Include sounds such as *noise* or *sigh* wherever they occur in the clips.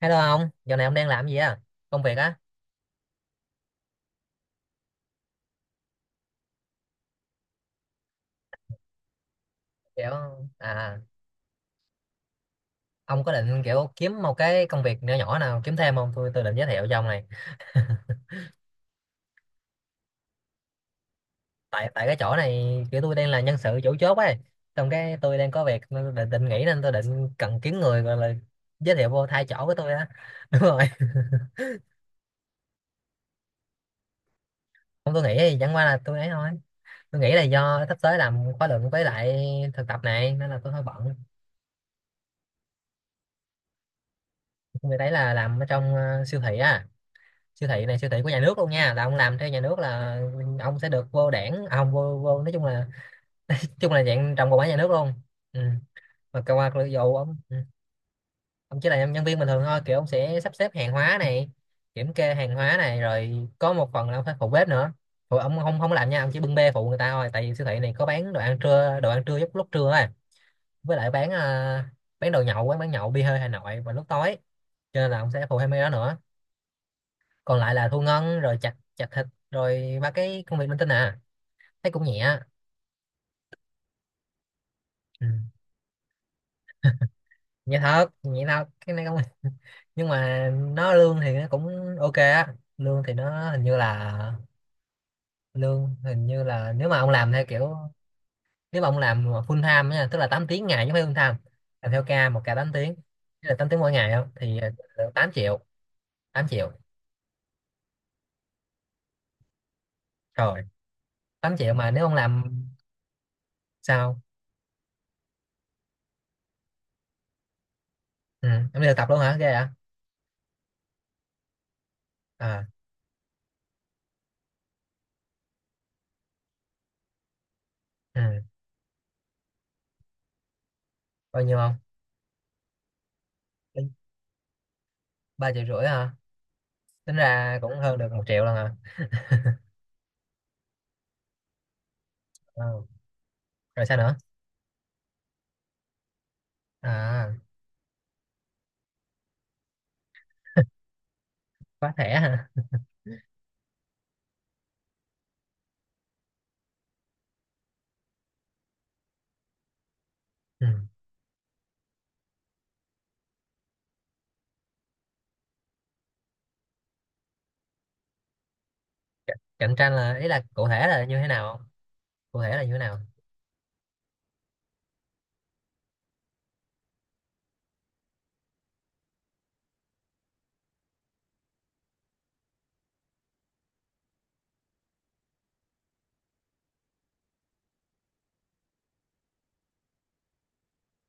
Hello ông, giờ này ông đang làm gì á? Công việc á? Kiểu à, ông có định kiểu kiếm một cái công việc nhỏ nhỏ nào kiếm thêm không? Tôi định giới thiệu cho ông này. Tại tại cái chỗ này kiểu tôi đang là nhân sự chủ chốt ấy. Xong cái tôi đang có việc nên tôi định nghỉ, nên tôi định cần kiếm người gọi là giới thiệu vô thay chỗ của tôi á. *laughs* Đúng rồi. Không, tôi nghĩ thì chẳng qua là tôi ấy thôi. Tôi nghĩ là do sắp tới làm khóa luận với lại thực tập này nên là tôi hơi bận. Người đấy là làm ở trong siêu thị á. Siêu thị này siêu thị của nhà nước luôn nha, là ông làm theo nhà nước là ông sẽ được vô đảng à, không vô, vô nói chung là dạng trong bộ máy nhà nước luôn. Ừ, mà cơ quan ví dụ ông. Ừ, ông chỉ là nhân viên bình thường thôi, kiểu ông sẽ sắp xếp hàng hóa này, kiểm kê hàng hóa này, rồi có một phần là ông phải phụ bếp nữa. Phụ ông không không làm nha, ông chỉ bưng bê phụ người ta thôi, tại vì siêu thị này có bán đồ ăn trưa, đồ ăn trưa lúc lúc trưa á, với lại bán à, bán đồ nhậu, quán bán nhậu bia hơi Hà Nội vào lúc tối, cho nên là ông sẽ phụ thêm mấy đó nữa, còn lại là thu ngân rồi chặt chặt thịt rồi ba cái công việc linh tinh à. Thấy cũng nhẹ. Ừ, nhẹ thật, nhẹ thật, cái này không. *laughs* Nhưng mà nó lương thì nó cũng ok á, lương thì nó hình như là, lương hình như là nếu mà ông làm theo kiểu, nếu mà ông làm mà full time nha, tức là 8 tiếng ngày chứ không phải full time, làm theo ca, một ca 8 tiếng, tức là 8 tiếng mỗi ngày không thì được 8 triệu. Tám triệu. Rồi, 8 triệu mà nếu ông làm. Sao? Ừ, em đi thực tập luôn hả, ghê hả? À, ừ. Bao nhiêu không? Ba triệu rưỡi hả? Tính ra cũng hơn được một triệu lần à. Ờ, rồi sao nữa? À, khóa thẻ hả? Ừ. C- cạnh tranh là ý là cụ thể là như thế nào không? Cụ thể là như thế nào?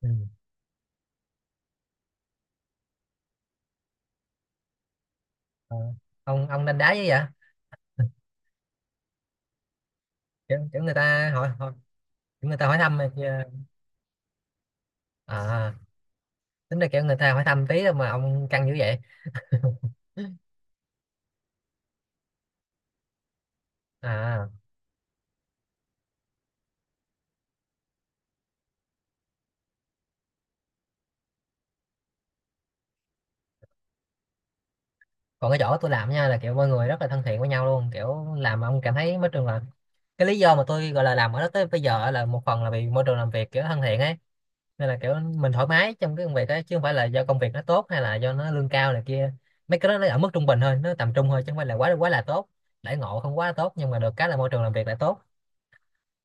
Ừ. Ờ. Ông đánh đá với vậy. Kiểu, kiểu người ta hỏi, kiểu người ta hỏi thăm mà. À, tính ra kiểu người ta hỏi thăm tí thôi mà ông căng dữ vậy. À, còn cái chỗ tôi làm nha là kiểu mọi người rất là thân thiện với nhau luôn, kiểu làm mà ông cảm thấy môi trường là cái lý do mà tôi gọi là làm ở đó tới bây giờ, là một phần là vì môi trường làm việc kiểu thân thiện ấy, nên là kiểu mình thoải mái trong cái công việc ấy, chứ không phải là do công việc nó tốt hay là do nó lương cao này kia. Mấy cái đó nó ở mức trung bình thôi, nó tầm trung thôi, chứ không phải là quá quá là tốt. Đãi ngộ không quá là tốt nhưng mà được cái là môi trường làm việc lại tốt.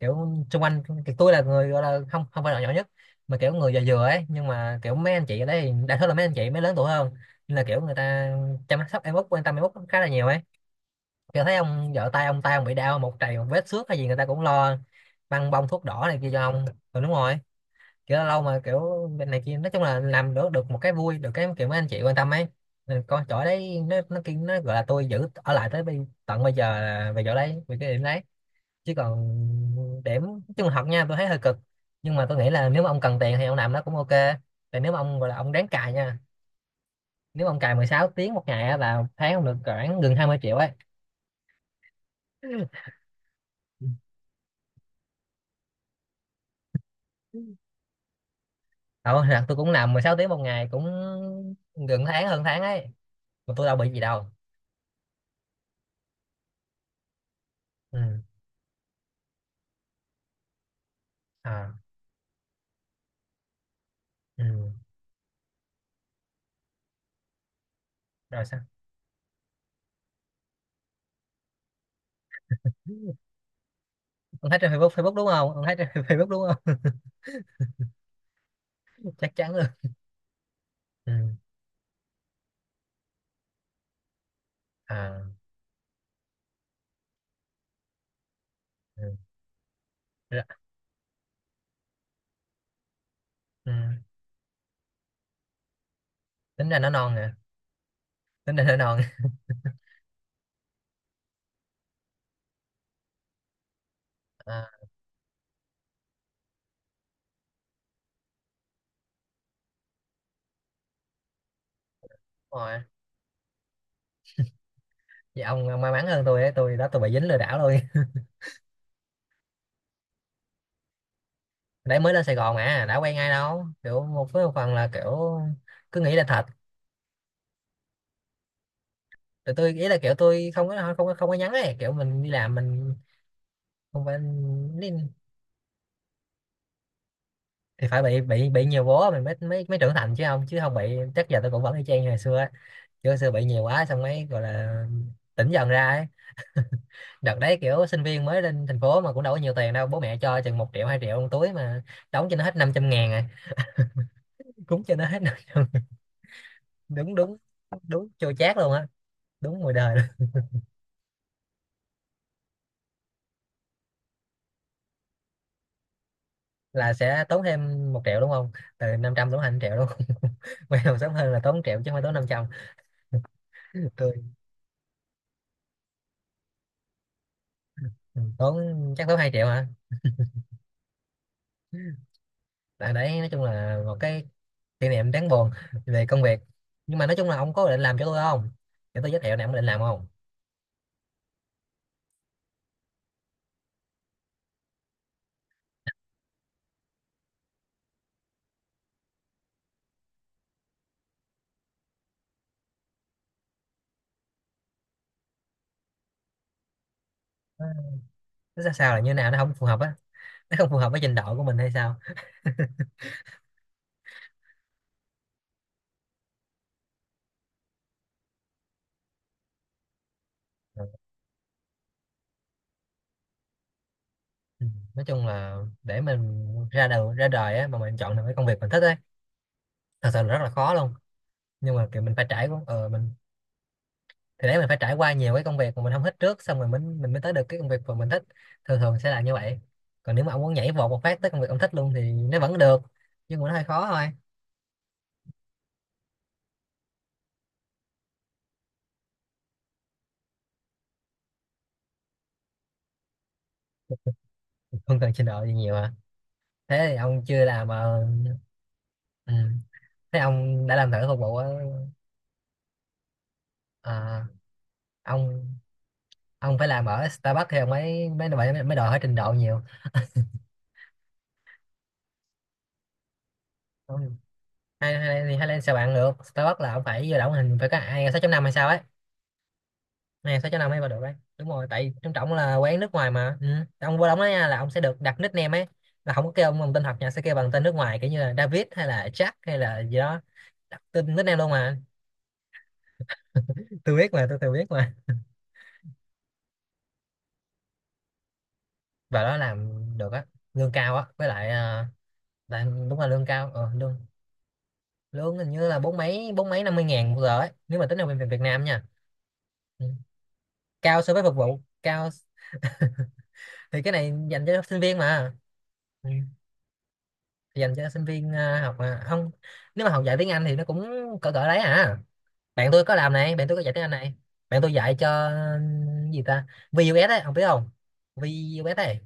Kiểu xung quanh, kiểu tôi là người gọi là không không phải là nhỏ nhất, mà kiểu người già vừa ấy, nhưng mà kiểu mấy anh chị ở đây thì đa số là mấy anh chị mới lớn tuổi hơn, nên là kiểu người ta chăm sóc em út, quan tâm em út khá là nhiều ấy. Kiểu thấy ông vợ tay ông, tay ông bị đau, một trầy một vết xước hay gì người ta cũng lo băng bông, thuốc đỏ này kia cho ông. Ừ, đúng rồi. Kiểu lâu lâu mà kiểu bên này kia, nói chung là làm được, được một cái vui được, cái kiểu mấy anh chị quan tâm ấy. Nên con chỗ đấy nó kia nó gọi là tôi giữ ở lại tới tận bây giờ, là về chỗ đấy, về cái điểm đấy. Chứ còn điểm nói chung là học nha, tôi thấy hơi cực, nhưng mà tôi nghĩ là nếu mà ông cần tiền thì ông làm nó cũng ok. Tại nếu mà ông gọi là ông ráng cày nha, nếu mà ông cày 16 tiếng một ngày á, là tháng ông được khoảng gần 20 triệu ấy. *laughs* Đâu, là tôi cũng làm 16 tiếng một ngày cũng gần tháng, hơn tháng ấy mà tôi đâu bị gì đâu. Ừ. À. Ừ. Rồi sao? Ông thấy trên Facebook, Facebook đúng không, ông thấy trên *laughs* Facebook đúng không? *laughs* Chắc chắn luôn. Ừ. À, ừ. Ra- ừ. Tính ra nó non nè, tính ra nó non. À, đúng rồi. Vậy ông may mắn hơn tôi ấy. Tôi đó tôi bị dính lừa đảo luôn. *laughs* Đấy mới lên Sài Gòn mà đã quen ai đâu, kiểu một với một phần là kiểu cứ nghĩ là thật. Tụi tôi ý là kiểu tôi không có, không có, không có nhắn ấy, kiểu mình đi làm mình không phải đi- thì phải bị nhiều bố mình mới, mới, mới trưởng thành chứ không, chứ không bị chắc giờ tôi cũng vẫn y chang như ngày xưa ấy. Kiểu xưa bị nhiều quá xong mới gọi là tỉnh dần ra ấy. Đợt đấy kiểu sinh viên mới lên thành phố mà cũng đâu có nhiều tiền đâu, bố mẹ cho chừng một triệu hai triệu trong túi mà đóng cho nó hết 500 ngàn à. *laughs* Cúng cho nó hết 500. Đúng, đúng, đúng, chua chát luôn á, đúng mùi đời luôn. Là sẽ tốn thêm một triệu đúng không? Từ 500 tốn thành triệu đúng không? *laughs* Quay đầu sớm hơn là tốn 1 triệu chứ không phải tốn 500. Tôi ừ, tốn chắc tốn 2 triệu hả. Tại đấy nói chung là một cái kỷ niệm đáng buồn về công việc. Nhưng mà nói chung là ông có định làm cho tôi không, để tôi giới thiệu nè, ông định làm không? Nó, nó ra sao là như nào, nó không phù hợp á? Nó không phù hợp với trình độ của mình hay sao? Ừ. Nói chung là để mình ra đầu, ra đời á mà mình chọn được cái công việc mình thích ấy thật sự là rất là khó luôn. Nhưng mà kiểu mình phải trải qua mình, thì đấy mình phải trải qua nhiều cái công việc mà mình không thích trước, xong rồi mình mới tới được cái công việc mà mình thích. Thường thường sẽ là như vậy. Còn nếu mà ông muốn nhảy vọt một phát tới công việc ông thích luôn thì nó vẫn được, nhưng mà nó hơi khó thôi. Không cần trình độ gì nhiều à? Thế thì ông chưa làm ừ. Thế ông đã làm thử phục vụ ở, à, ông ông phải làm ở Starbucks thì ông mới, mới đòi hỏi trình độ nhiều. Ông- hay hay thì hay lên sao bạn được Starbucks là ông phải vô động hình phải có ai 6 năm hay sao ấy. Ai sáu, 6 năm mới vào được đấy, đúng rồi, tại trong trọng là quán nước ngoài mà. Ừ, ông vô đóng đó nha là ông sẽ được đặt nickname ấy, là không có kêu ông bằng tên thật nha, sẽ kêu bằng tên nước ngoài kiểu như là David hay là Jack hay là gì đó, đặt tên nickname luôn mà. Tôi biết mà tôi biết mà. Và đó làm được á, lương cao á, với lại là- đúng là lương cao, ờ, lương lương hình như là bốn mấy, bốn mấy năm mươi ngàn một giờ ấy, nếu mà tính ở bên Việt Nam nha. Ừ, cao so với phục vụ cao. Thì cái này dành cho sinh viên mà. Ừ. Thì dành cho sinh viên à, học mà không. Nếu mà học dạy tiếng Anh thì nó cũng cỡ cỡ đấy à. Bạn tôi có làm này, bạn tôi có dạy tiếng Anh này. Bạn tôi dạy cho ừ, gì ta, VUS ấy ông biết không, VUS ấy.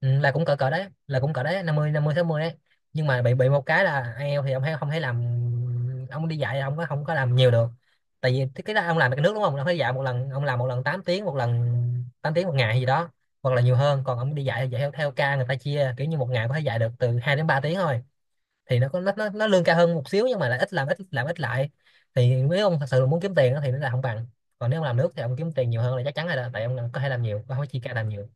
Ừ, là cũng cỡ cỡ đấy, là cũng cỡ đấy, năm năm mươi, năm mươi sáu mươi đấy. Nhưng mà bị một cái là IELTS thì ông thấy không thấy làm, ông đi dạy ông có không có làm nhiều được, tại vì cái đó ông làm cái nước đúng không, ông phải dạy một lần, ông làm một lần 8 tiếng một lần, 8 tiếng một ngày gì đó hoặc là nhiều hơn. Còn ông đi dạy thì dạy theo, theo ca người ta chia kiểu như một ngày có thể dạy được từ 2 đến 3 tiếng thôi, thì nó có nó lương cao hơn một xíu, nhưng mà lại ít làm, ít làm, ít lại. Thì nếu ông thật sự muốn kiếm tiền á thì nó là không bằng. Còn nếu ông làm nước thì ông kiếm tiền nhiều hơn là chắc chắn rồi đó, tại ông có thể làm nhiều, ông không có chia ca, làm nhiều.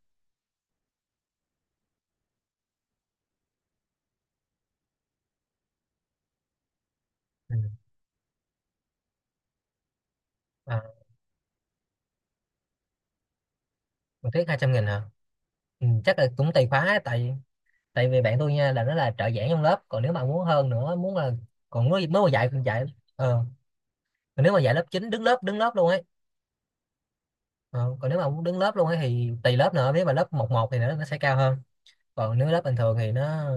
Ừ. Ờ. Một tiết 200 nghìn hả? Ừ, chắc là cũng tùy khóa ấy, tại tại vì bạn tôi nha là nó là trợ giảng trong lớp, còn nếu mà muốn hơn nữa muốn là, còn nếu nếu mà dạy thì dạy. Ờ, còn nếu mà dạy lớp chín, đứng lớp, đứng lớp luôn ấy. Ờ, còn nếu mà muốn đứng lớp luôn ấy thì tùy lớp nữa, nếu mà lớp một một thì nó sẽ cao hơn, còn nếu lớp bình thường thì nó.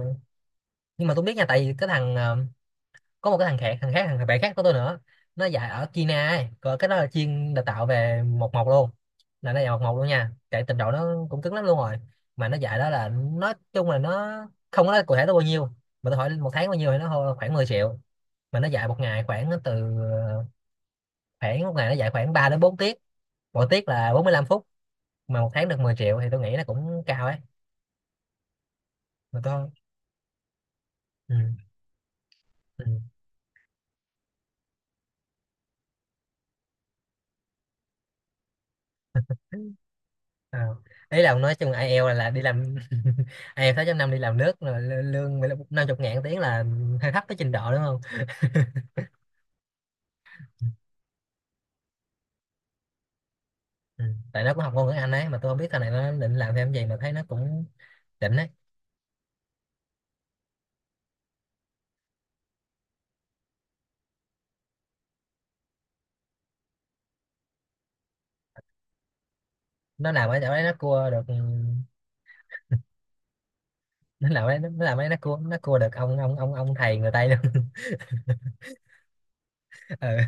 Nhưng mà tôi biết nha, tại vì cái thằng có một cái thằng khác, thằng khác, thằng bạn khác của tôi nữa, nó dạy ở China ấy, còn cái đó là chuyên đào tạo về một một luôn, là nó dạy một một luôn nha, chạy trình độ nó cũng cứng lắm luôn rồi. Mà nó dạy đó là nói chung là nó không có nói cụ thể nó bao nhiêu, mà tôi hỏi một tháng bao nhiêu thì nó hô khoảng 10 triệu. Mà nó dạy một ngày khoảng từ ờ, khoảng một ngày nó dạy khoảng 3 đến 4 tiết, mỗi tiết là 45 phút, mà một tháng được 10 triệu thì tôi nghĩ là cũng cao ấy. Mà tôi ừ. Ừ. À, ý là ông nói chung IELTS là đi làm. *laughs* Ai eo sáu 6 năm đi làm nước là lö- lương mười lăm- năm chục ngàn tiếng là hơi thấp cái trình độ đúng không? Ừ. Tại nó cũng học ngôn ngữ Anh ấy, mà tôi không biết sau này nó định làm thêm gì, mà thấy nó cũng đỉnh ấy. Nó làm ở chỗ đấy nó cua được ừ, nó làm ở đấy, nó cua, nó cua được ông thầy người Tây luôn. *laughs* Ừ,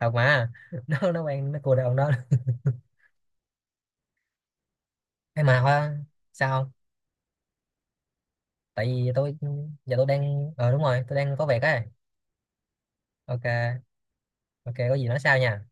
thật mà. Nó quen, nó cua được ông đó. Ê mà hoa sao không? Tại vì tôi giờ tôi đang ờ đúng rồi, tôi đang có việc ấy. Ok, ok có gì nói sau nha.